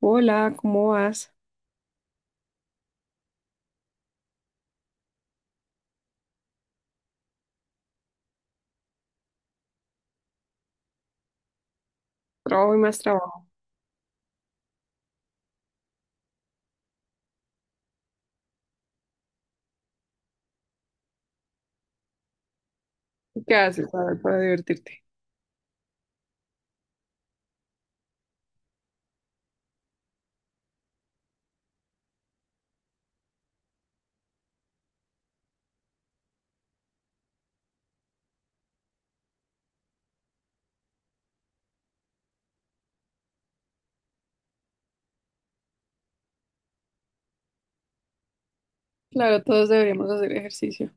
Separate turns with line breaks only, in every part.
Hola, ¿cómo vas? Trabajo y más trabajo. ¿Qué haces? A ver, para divertirte. Claro, todos deberíamos hacer ejercicio.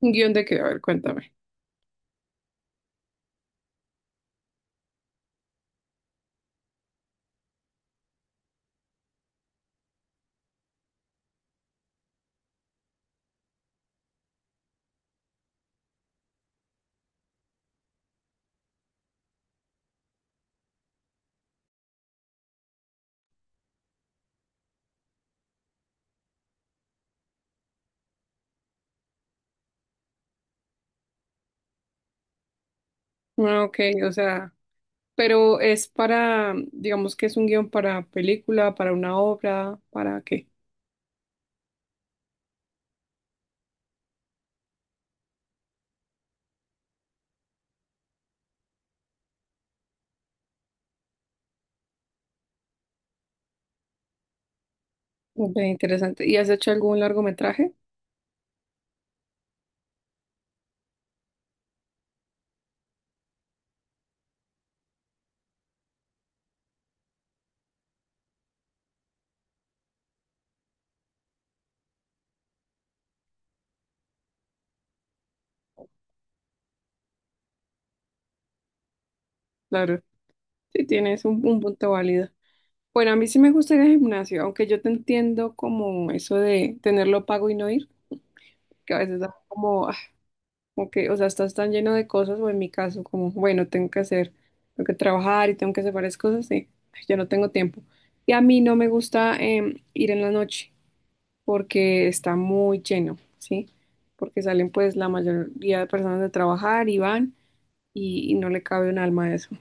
¿Un guión de qué? A ver, cuéntame. Ah, Ok, o sea, pero es para, digamos que es un guión para película, para una obra, ¿para qué? Ok, interesante. ¿Y has hecho algún largometraje? Claro, sí tienes un punto válido. Bueno, a mí sí me gusta ir al gimnasio, aunque yo te entiendo como eso de tenerlo pago y no ir, que a veces da como, ah, Ok, o sea, estás tan lleno de cosas, o en mi caso, como, bueno, tengo que hacer, tengo que trabajar y tengo que hacer varias cosas, y ay, yo no tengo tiempo. Y a mí no me gusta ir en la noche porque está muy lleno, ¿sí? Porque salen pues la mayoría de personas de trabajar y van y no le cabe un alma a eso.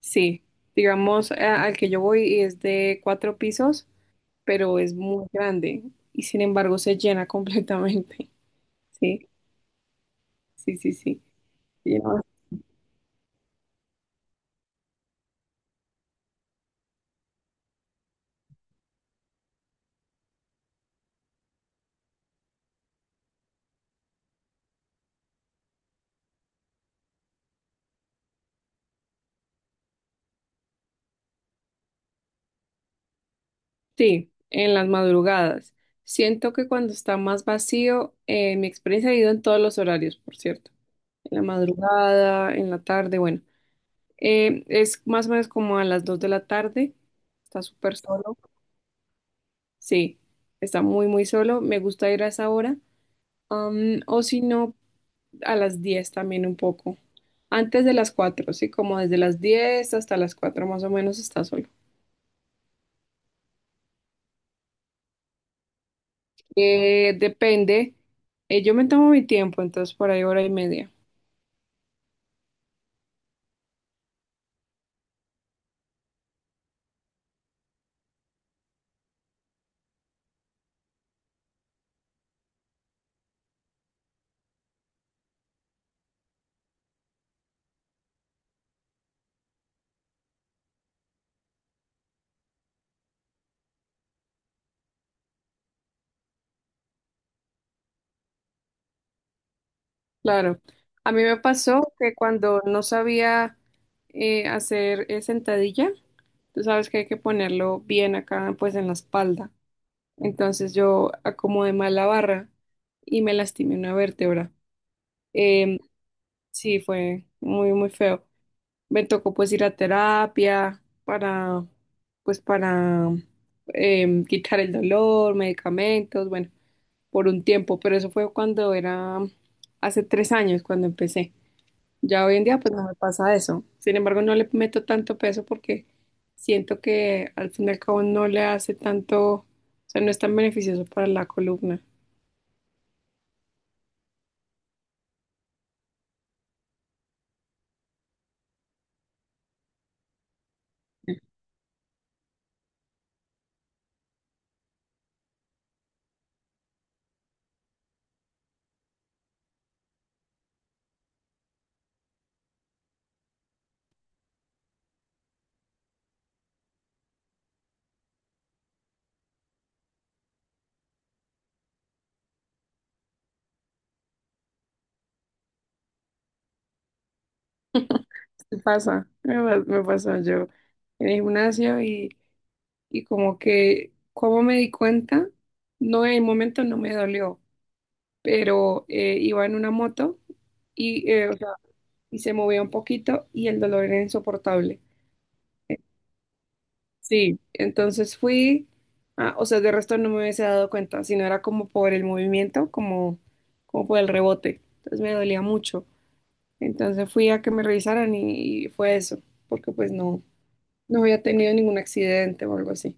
Sí, digamos, al que yo voy es de cuatro pisos, pero es muy grande y sin embargo se llena completamente, ¿sí? Sí, sí, sí. Sí, en las madrugadas. Siento que cuando está más vacío, mi experiencia ha ido en todos los horarios, por cierto. En la madrugada, en la tarde, bueno. Es más o menos como a las 2 de la tarde. Está súper solo. Sí, está muy, muy solo. Me gusta ir a esa hora. O si no, a las 10 también un poco. Antes de las 4, sí, como desde las 10 hasta las 4 más o menos está solo. Depende. Yo me tomo mi tiempo, entonces por ahí hora y media. Claro. A mí me pasó que cuando no sabía hacer sentadilla, tú sabes que hay que ponerlo bien acá, pues en la espalda. Entonces yo acomodé mal la barra y me lastimé una vértebra. Em, sí, fue muy, muy feo. Me tocó pues ir a terapia para, pues para quitar el dolor, medicamentos, bueno, por un tiempo, pero eso fue cuando era hace 3 años, cuando empecé. Ya hoy en día pues no me pasa eso. Sin embargo, no le meto tanto peso porque siento que al fin y al cabo no le hace tanto, o sea, no es tan beneficioso para la columna. Me pasa, me pasó yo en el gimnasio y como que, como me di cuenta, no en el momento no me dolió, pero iba en una moto y, o sea, y se movía un poquito y el dolor era insoportable. Sí, entonces fui, ah, o sea, de resto no me hubiese dado cuenta, sino era como por el movimiento, como por el rebote. Entonces me dolía mucho. Entonces fui a que me revisaran y fue eso, porque pues no, no había tenido ningún accidente o algo así.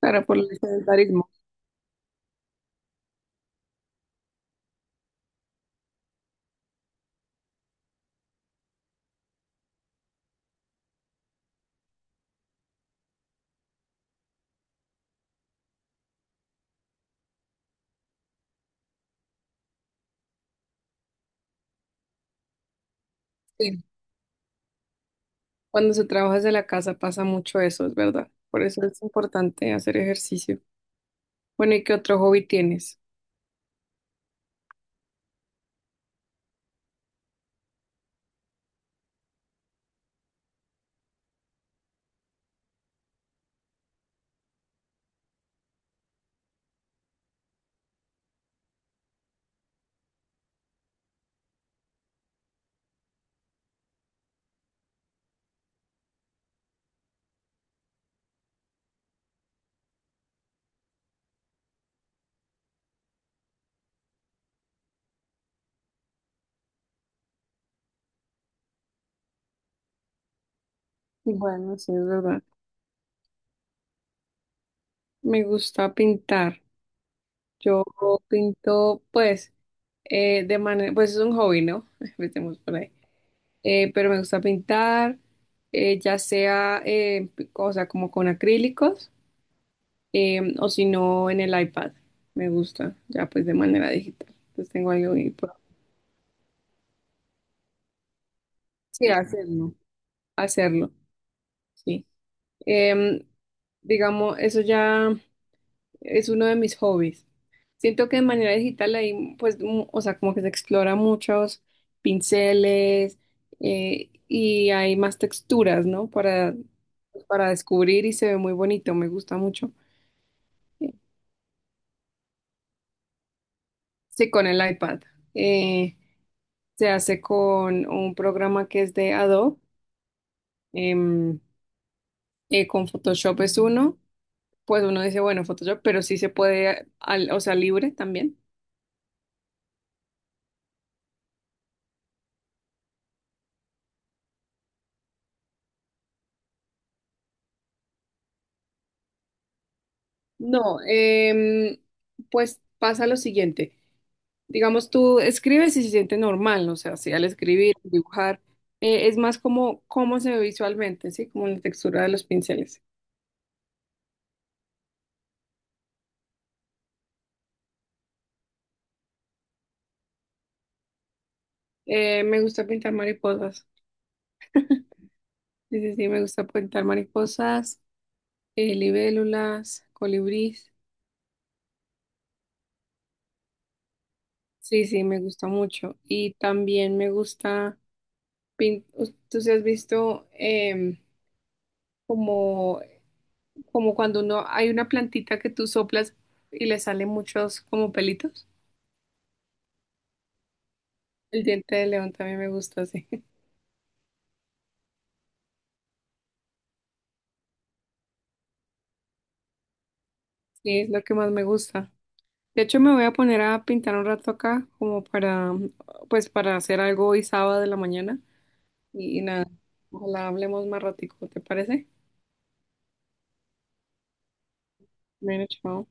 Claro, por el sedentarismo. Sí. Cuando se trabaja desde la casa pasa mucho eso, es verdad. Por eso es importante hacer ejercicio. Bueno, ¿y qué otro hobby tienes? Bueno, sí, es verdad. Me gusta pintar. Yo pinto, pues. De manera, pues es un hobby, ¿no? Empecemos por ahí. Pero me gusta pintar, ya sea, o sea, como con acrílicos, o si no, en el iPad. Me gusta, ya pues de manera digital. Entonces tengo algo y puedo- Sí, hacerlo, hacerlo, sí. Em, digamos, eso ya es uno de mis hobbies. Siento que de manera digital ahí, pues, o sea, como que se explora muchos pinceles y hay más texturas, ¿no? Para descubrir y se ve muy bonito, me gusta mucho. Sí, con el iPad. Eh, Se hace con un programa que es de Adobe. em, con Photoshop es uno. Pues uno dice, bueno, Photoshop, pero sí se puede, o sea, libre también. No, pues pasa lo siguiente. Digamos, tú escribes y se siente normal, ¿no? O sea, si al escribir, dibujar, es más como cómo se ve visualmente, ¿sí? Como la textura de los pinceles. Me gusta pintar mariposas, sí, sí, sí, me gusta pintar mariposas, libélulas, colibríes, sí, sí, me gusta mucho. Y también me gusta, pin- tú si has visto como, como cuando uno, hay una plantita que tú soplas y le salen muchos como pelitos. El diente de león también me gusta, sí. Sí, es lo que más me gusta. De hecho, me voy a poner a pintar un rato acá, como para, pues, para hacer algo hoy sábado de la mañana. Y nada, ojalá hablemos más ratico, ¿te parece? Bueno, chao.